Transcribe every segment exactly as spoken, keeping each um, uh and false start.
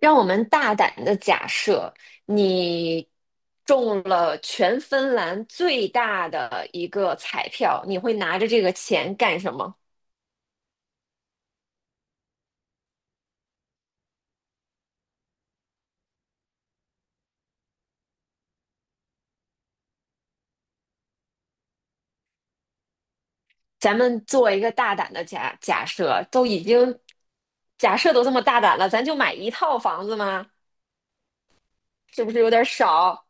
让我们大胆的假设，你中了全芬兰最大的一个彩票，你会拿着这个钱干什么？咱们做一个大胆的假假设，都已经假设都这么大胆了，咱就买一套房子吗？是不是有点少？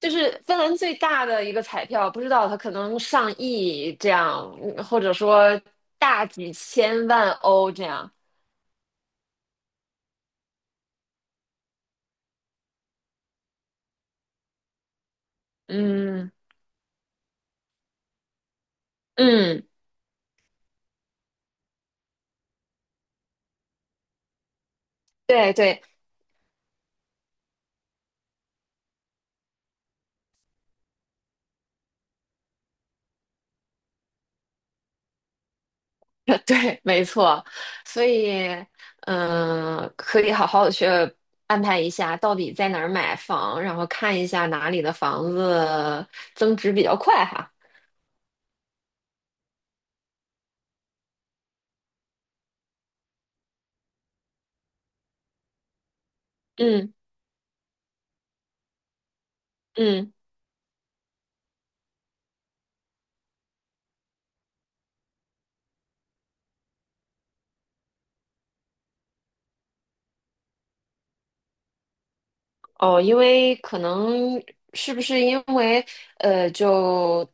就是芬兰最大的一个彩票，不知道它可能上亿这样，嗯或者说大几千万欧这样。嗯嗯，对对，对，没错，所以，嗯、可以好好的去安排一下，到底在哪儿买房，然后看一下哪里的房子增值比较快哈。嗯嗯，哦，因为可能是不是因为，呃，就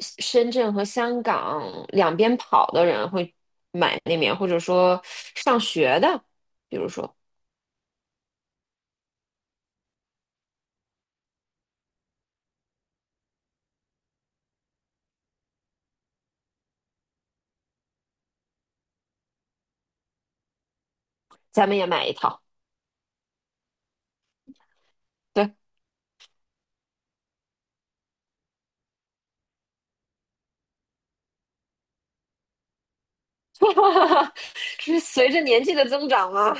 深圳和香港两边跑的人会买那边，或者说上学的，比如说咱们也买一套，对，是随着年纪的增长吗？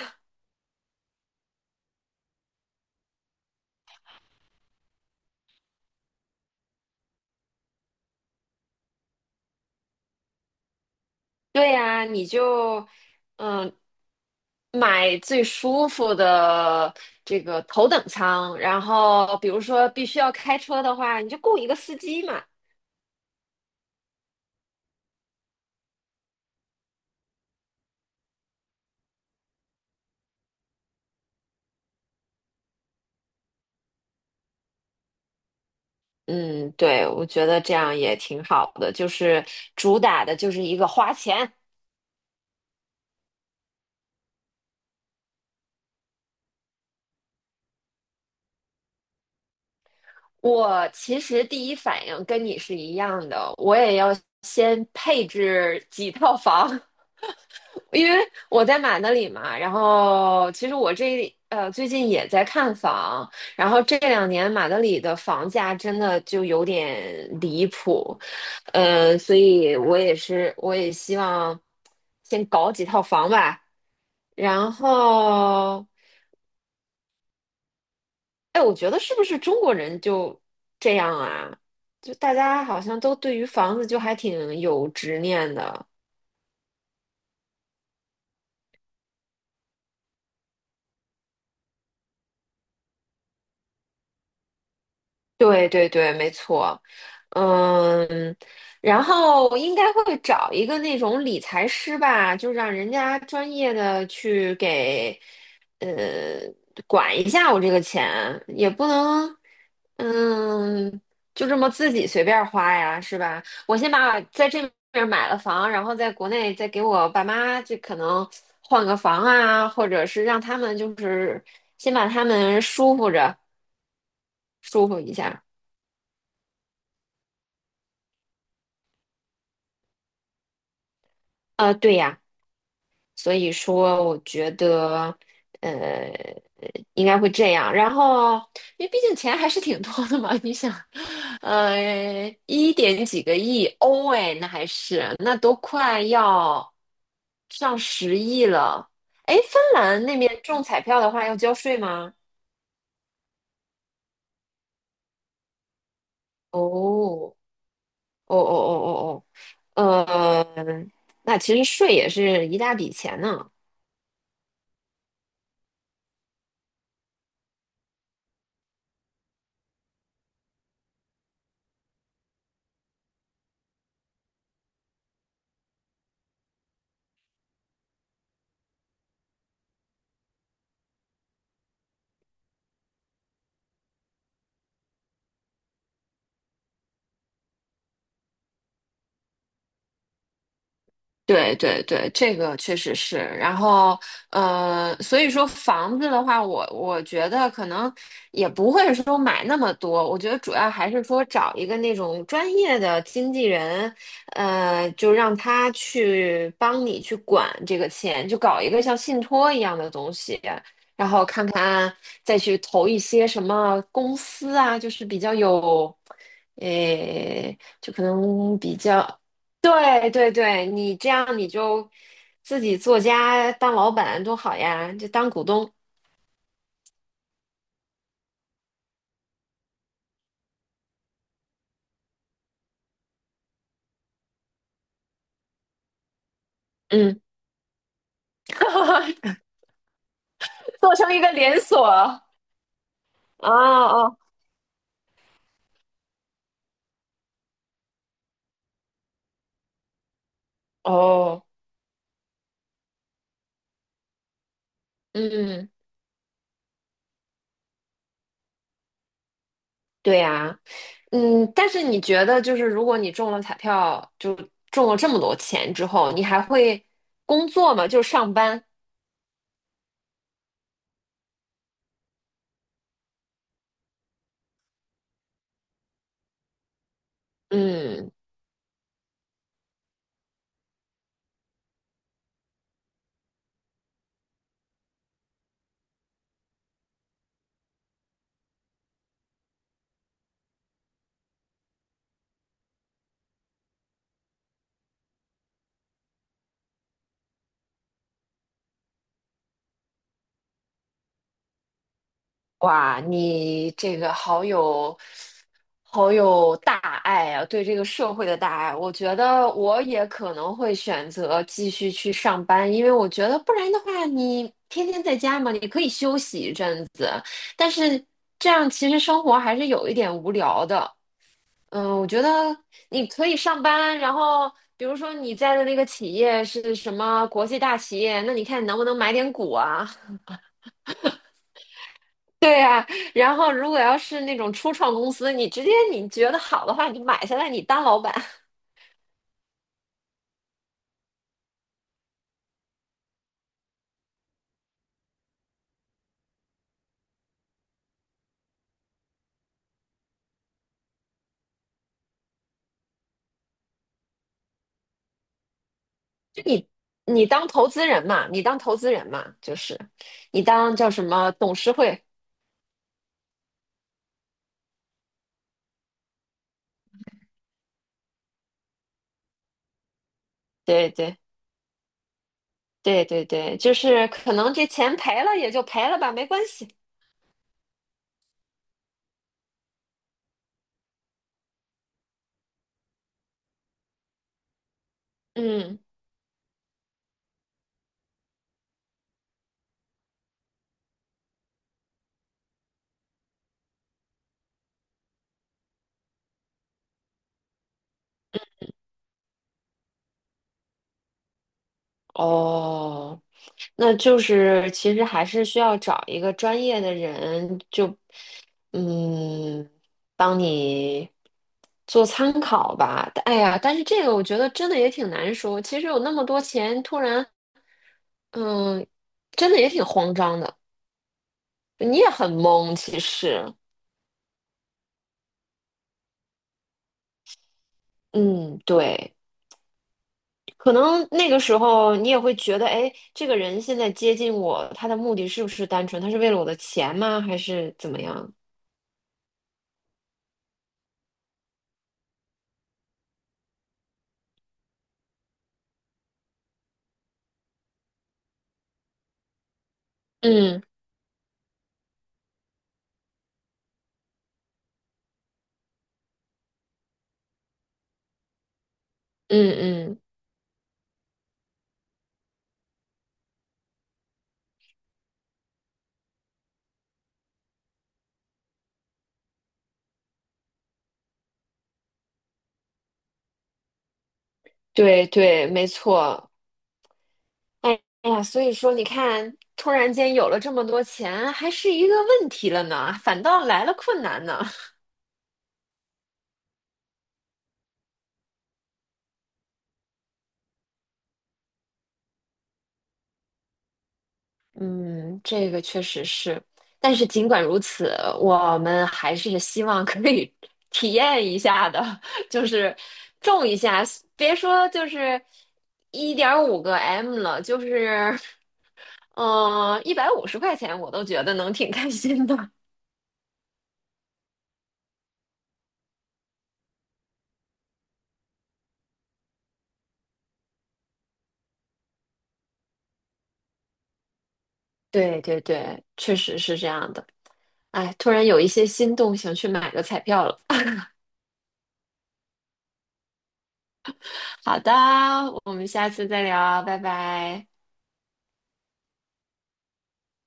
对呀，你就嗯买最舒服的这个头等舱，然后比如说必须要开车的话，你就雇一个司机嘛。嗯，对，我觉得这样也挺好的，就是主打的就是一个花钱。我其实第一反应跟你是一样的，我也要先配置几套房。因为我在马德里嘛，然后其实我这呃最近也在看房，然后这两年马德里的房价真的就有点离谱，呃，所以我也是我也希望先搞几套房吧，然后哎，我觉得是不是中国人就这样啊？就大家好像都对于房子就还挺有执念的，对对对，没错，嗯，然后应该会找一个那种理财师吧，就让人家专业的去给，呃，管一下我这个钱，也不能，嗯，就这么自己随便花呀，是吧？我先把在这边买了房，然后在国内再给我爸妈，就可能换个房啊，或者是让他们就是先把他们舒服着，舒服一下。呃，对呀。所以说，我觉得，呃，应该会这样。然后，因为毕竟钱还是挺多的嘛，你想，呃，一点几个亿欧哎，那还是那都快要上十亿了。哎，芬兰那边中彩票的话要交税吗？哦，哦哦哦哦哦，呃，那其实税也是一大笔钱呢。对对对，这个确实是。然后，呃，所以说房子的话，我我觉得可能也不会说买那么多。我觉得主要还是说找一个那种专业的经纪人，呃，就让他去帮你去管这个钱，就搞一个像信托一样的东西，然后看看再去投一些什么公司啊，就是比较有。诶，就可能比较对对对，你这样你就自己做家当老板多好呀，就当股东，嗯，做成一个连锁，哦哦哦，嗯，对呀，嗯，但是你觉得就是如果你中了彩票，就中了这么多钱之后，你还会工作吗？就上班，嗯。哇，你这个好有好有大爱啊，对这个社会的大爱。我觉得我也可能会选择继续去上班，因为我觉得不然的话，你天天在家嘛，你可以休息一阵子，但是这样其实生活还是有一点无聊的。嗯，我觉得你可以上班，然后比如说你在的那个企业是什么国际大企业，那你看你能不能买点股啊？对呀，然后如果要是那种初创公司，你直接你觉得好的话，你就买下来，你当老板，你你当投资人嘛，你当投资人嘛，就是你当叫什么董事会，对对对对对，就是可能这钱赔了也就赔了吧，没关系。嗯，哦，那就是其实还是需要找一个专业的人，就嗯，帮你做参考吧。哎呀，但是这个我觉得真的也挺难说。其实有那么多钱，突然嗯，真的也挺慌张的，你也很懵。其实，嗯，对，可能那个时候你也会觉得，哎，这个人现在接近我，他的目的是不是单纯？他是为了我的钱吗？还是怎么样？嗯嗯嗯。对对，没错。哎哎呀，所以说你看，突然间有了这么多钱，还是一个问题了呢，反倒来了困难呢。嗯，这个确实是。但是尽管如此，我们还是希望可以 体验一下的，就是种一下，别说就是一点五个 M 了，就是嗯一百五十块钱，我都觉得能挺开心的。对对对，确实是这样的。哎，突然有一些心动，想去买个彩票了。好的，我们下次再聊啊拜拜。